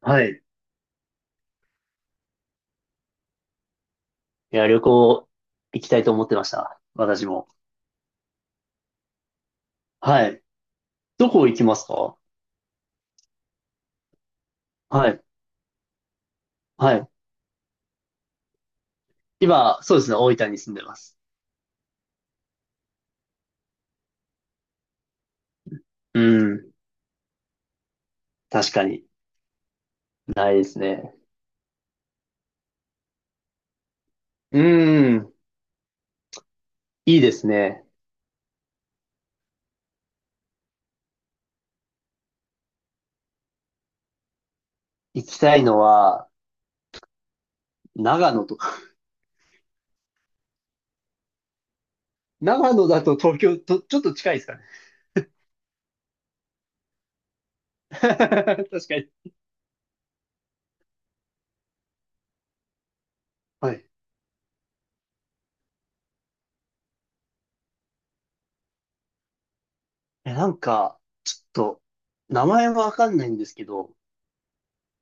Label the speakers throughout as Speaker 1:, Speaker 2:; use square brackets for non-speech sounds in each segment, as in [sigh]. Speaker 1: はい。いや、旅行行きたいと思ってました。私も。はい。どこ行きますか？はい。はい。今、そうですね。大分に住んでます。うん。確かに。ないですね。うん。いいですね。行きたいのは、長野とか。[laughs] 長野だと東京と、ちょっと近いですかね。[laughs] 確かに。はい。え、なんか、ちょっと、名前はわかんないんですけど、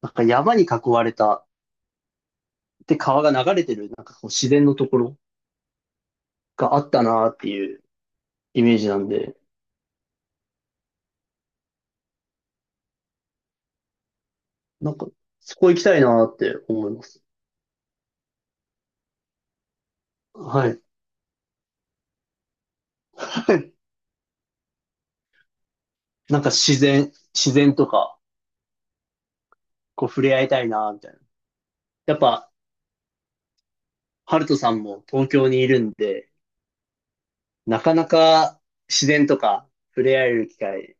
Speaker 1: なんか山に囲われた、で、川が流れてる、なんかこう自然のところがあったなっていうイメージなんで、なんか、そこ行きたいなって思います。はい。[laughs] なんか自然とか、こう触れ合いたいなみたいな。やっぱ、ハルトさんも東京にいるんで、なかなか自然とか触れ合える機会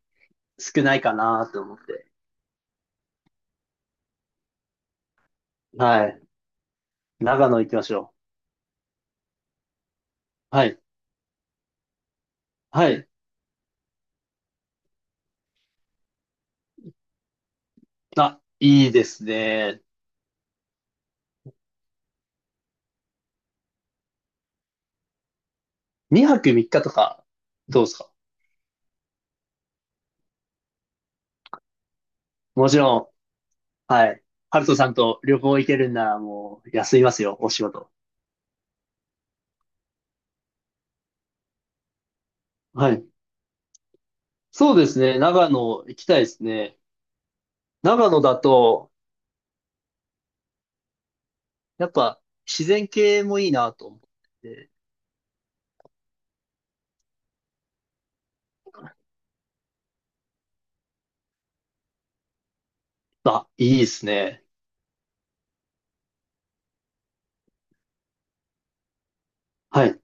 Speaker 1: 少ないかなと思って。はい。長野行きましょう。はい。はい。あ、いいですね。2泊3日とか、どうですか？もちろん、はい。ハルトさんと旅行行けるんならもう休みますよ、お仕事。はい。そうですね。長野行きたいですね。長野だと、やっぱ自然系もいいなと思って。あ、いいですね。はい。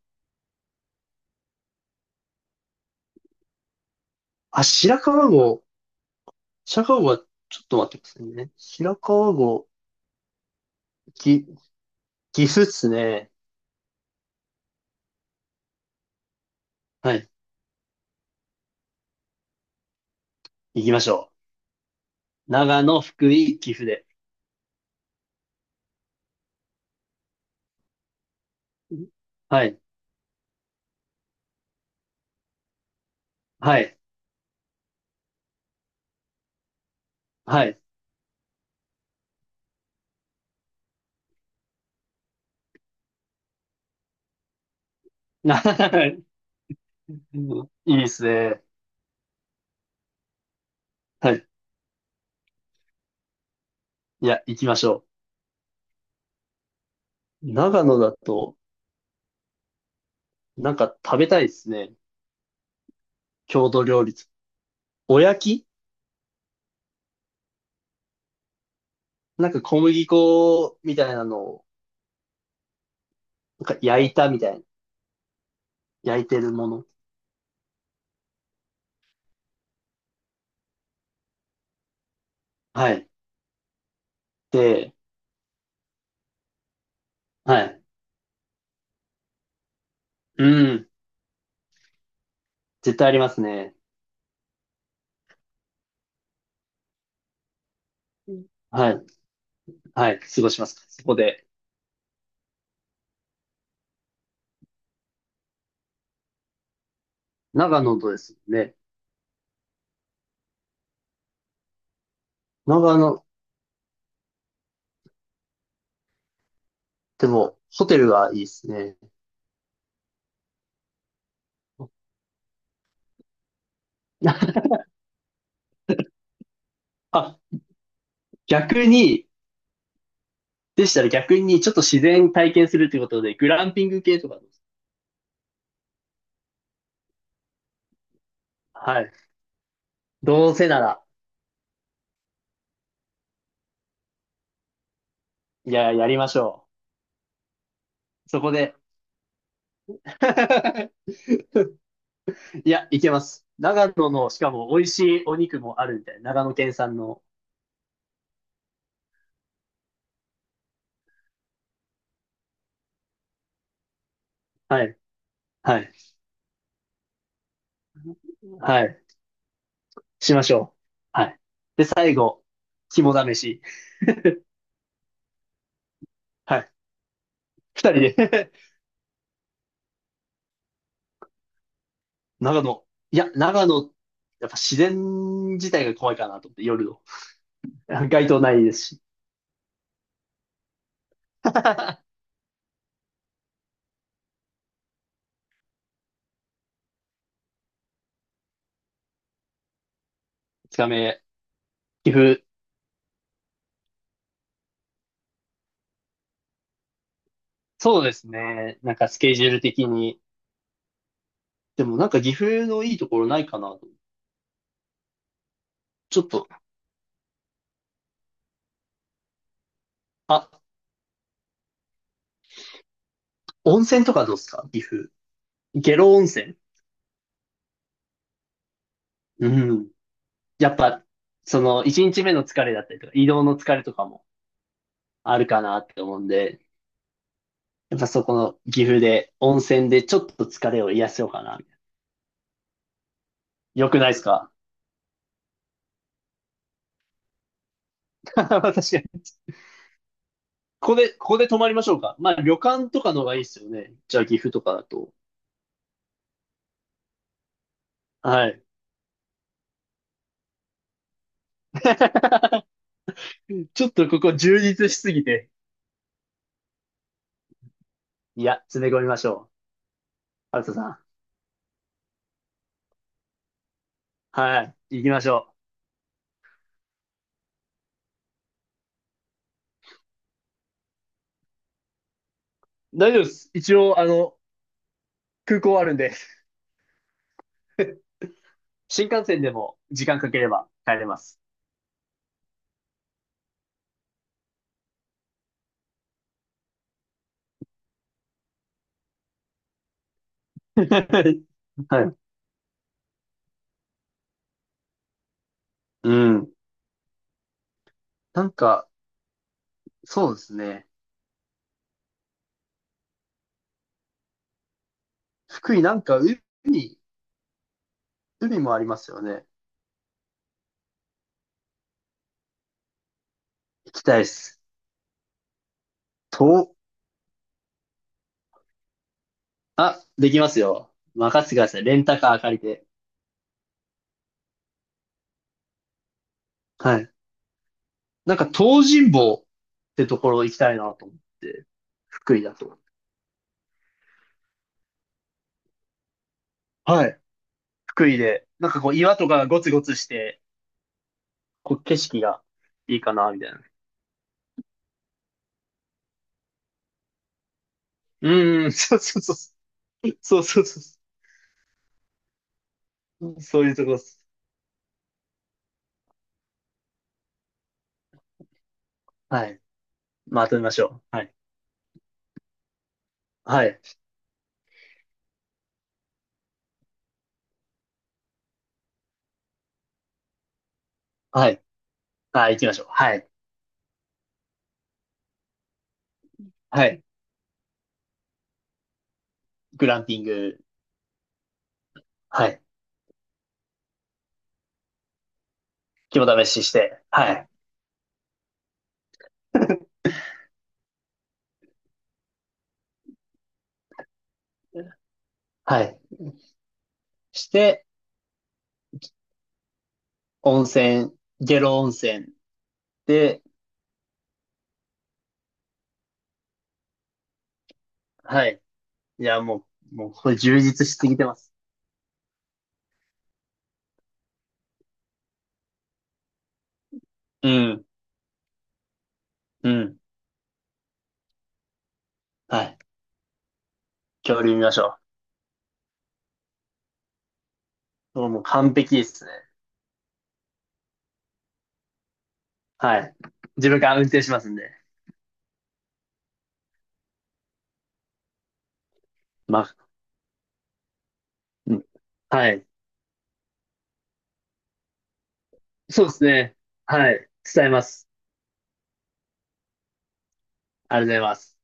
Speaker 1: あ、白川郷。白川郷は、ちょっと待ってくださいね。白川郷、ぎ、岐阜っすね。はい。行きましょう。長野、福井、岐阜で。はい。はい。はい。[laughs] いいですね。はい。いや、行きましょう。長野だと、なんか食べたいですね。郷土料理。おやき。なんか小麦粉みたいなのを、なんか焼いたみたいな。焼いてるもの。はい。で、はい。うん。絶対ありますね。はい。はい。過ごします。そこで。長野とですね。長野、でも、ホテルがいいですね。[laughs] あ、逆に、でしたら逆にちょっと自然体験するということで、グランピング系とかどうですか？はい。どうせなら、いや、やりましょう。そこで。[laughs] いや、いけます。長野の、しかも美味しいお肉もあるみたいな。長野県産の。はい。はい。はい。しましょう。はい。で、最後、肝試し。はい。二人で。 [laughs] 長野。いや、長野、やっぱ自然自体が怖いかなと思って、夜の。[laughs] 街灯ないですし。[laughs] 二日目、岐阜。そうですね。なんかスケジュール的に。でもなんか岐阜のいいところないかなと。ちょっと、あ、温泉とかどうですか？岐阜。下呂温泉。うん。やっぱ、その、一日目の疲れだったりとか、移動の疲れとかもあるかなって思うんで、やっぱそこの岐阜で、温泉でちょっと疲れを癒やせようかな。よくないですか？ [laughs] 確かに。ここで、ここで泊まりましょうか。まあ、旅館とかの方がいいですよね。じゃあ、岐阜とかだと。はい。[laughs] ちょっとここ充実しすぎて。いや、詰め込みましょう。ハルトさん。はい。行きましょう。大丈夫です。一応、あの、空港あるんで。新幹線でも時間かければ帰れます。[laughs] はい。うん。なんか、そうですね。福井なんか海、海もありますよね。行きたいです。と、あ、できますよ。任せてください。レンタカー借りて。はい。なんか東尋坊ってところ行きたいなと思って。福井だと。はい。福井で。なんかこう岩とかがゴツゴツして、こう景色がいいかな、みたいな。そうそうそうそう。そうそうそうそう。いうとこです。はい。まとめましょう。はい。はい。はい。はい、行きましょう。はい。はい。グランピング、はい。肝試しして、はい。[laughs] はい。して、温泉、下呂温泉で、はい。いや、もう、これ充実しすぎてます。うん、うん。はい。恐竜見ましょう。もう完璧ですね。はい。自分から運転しますんで。まあ、うん、はい。そうですね。はい。伝えます。ありがとうございます。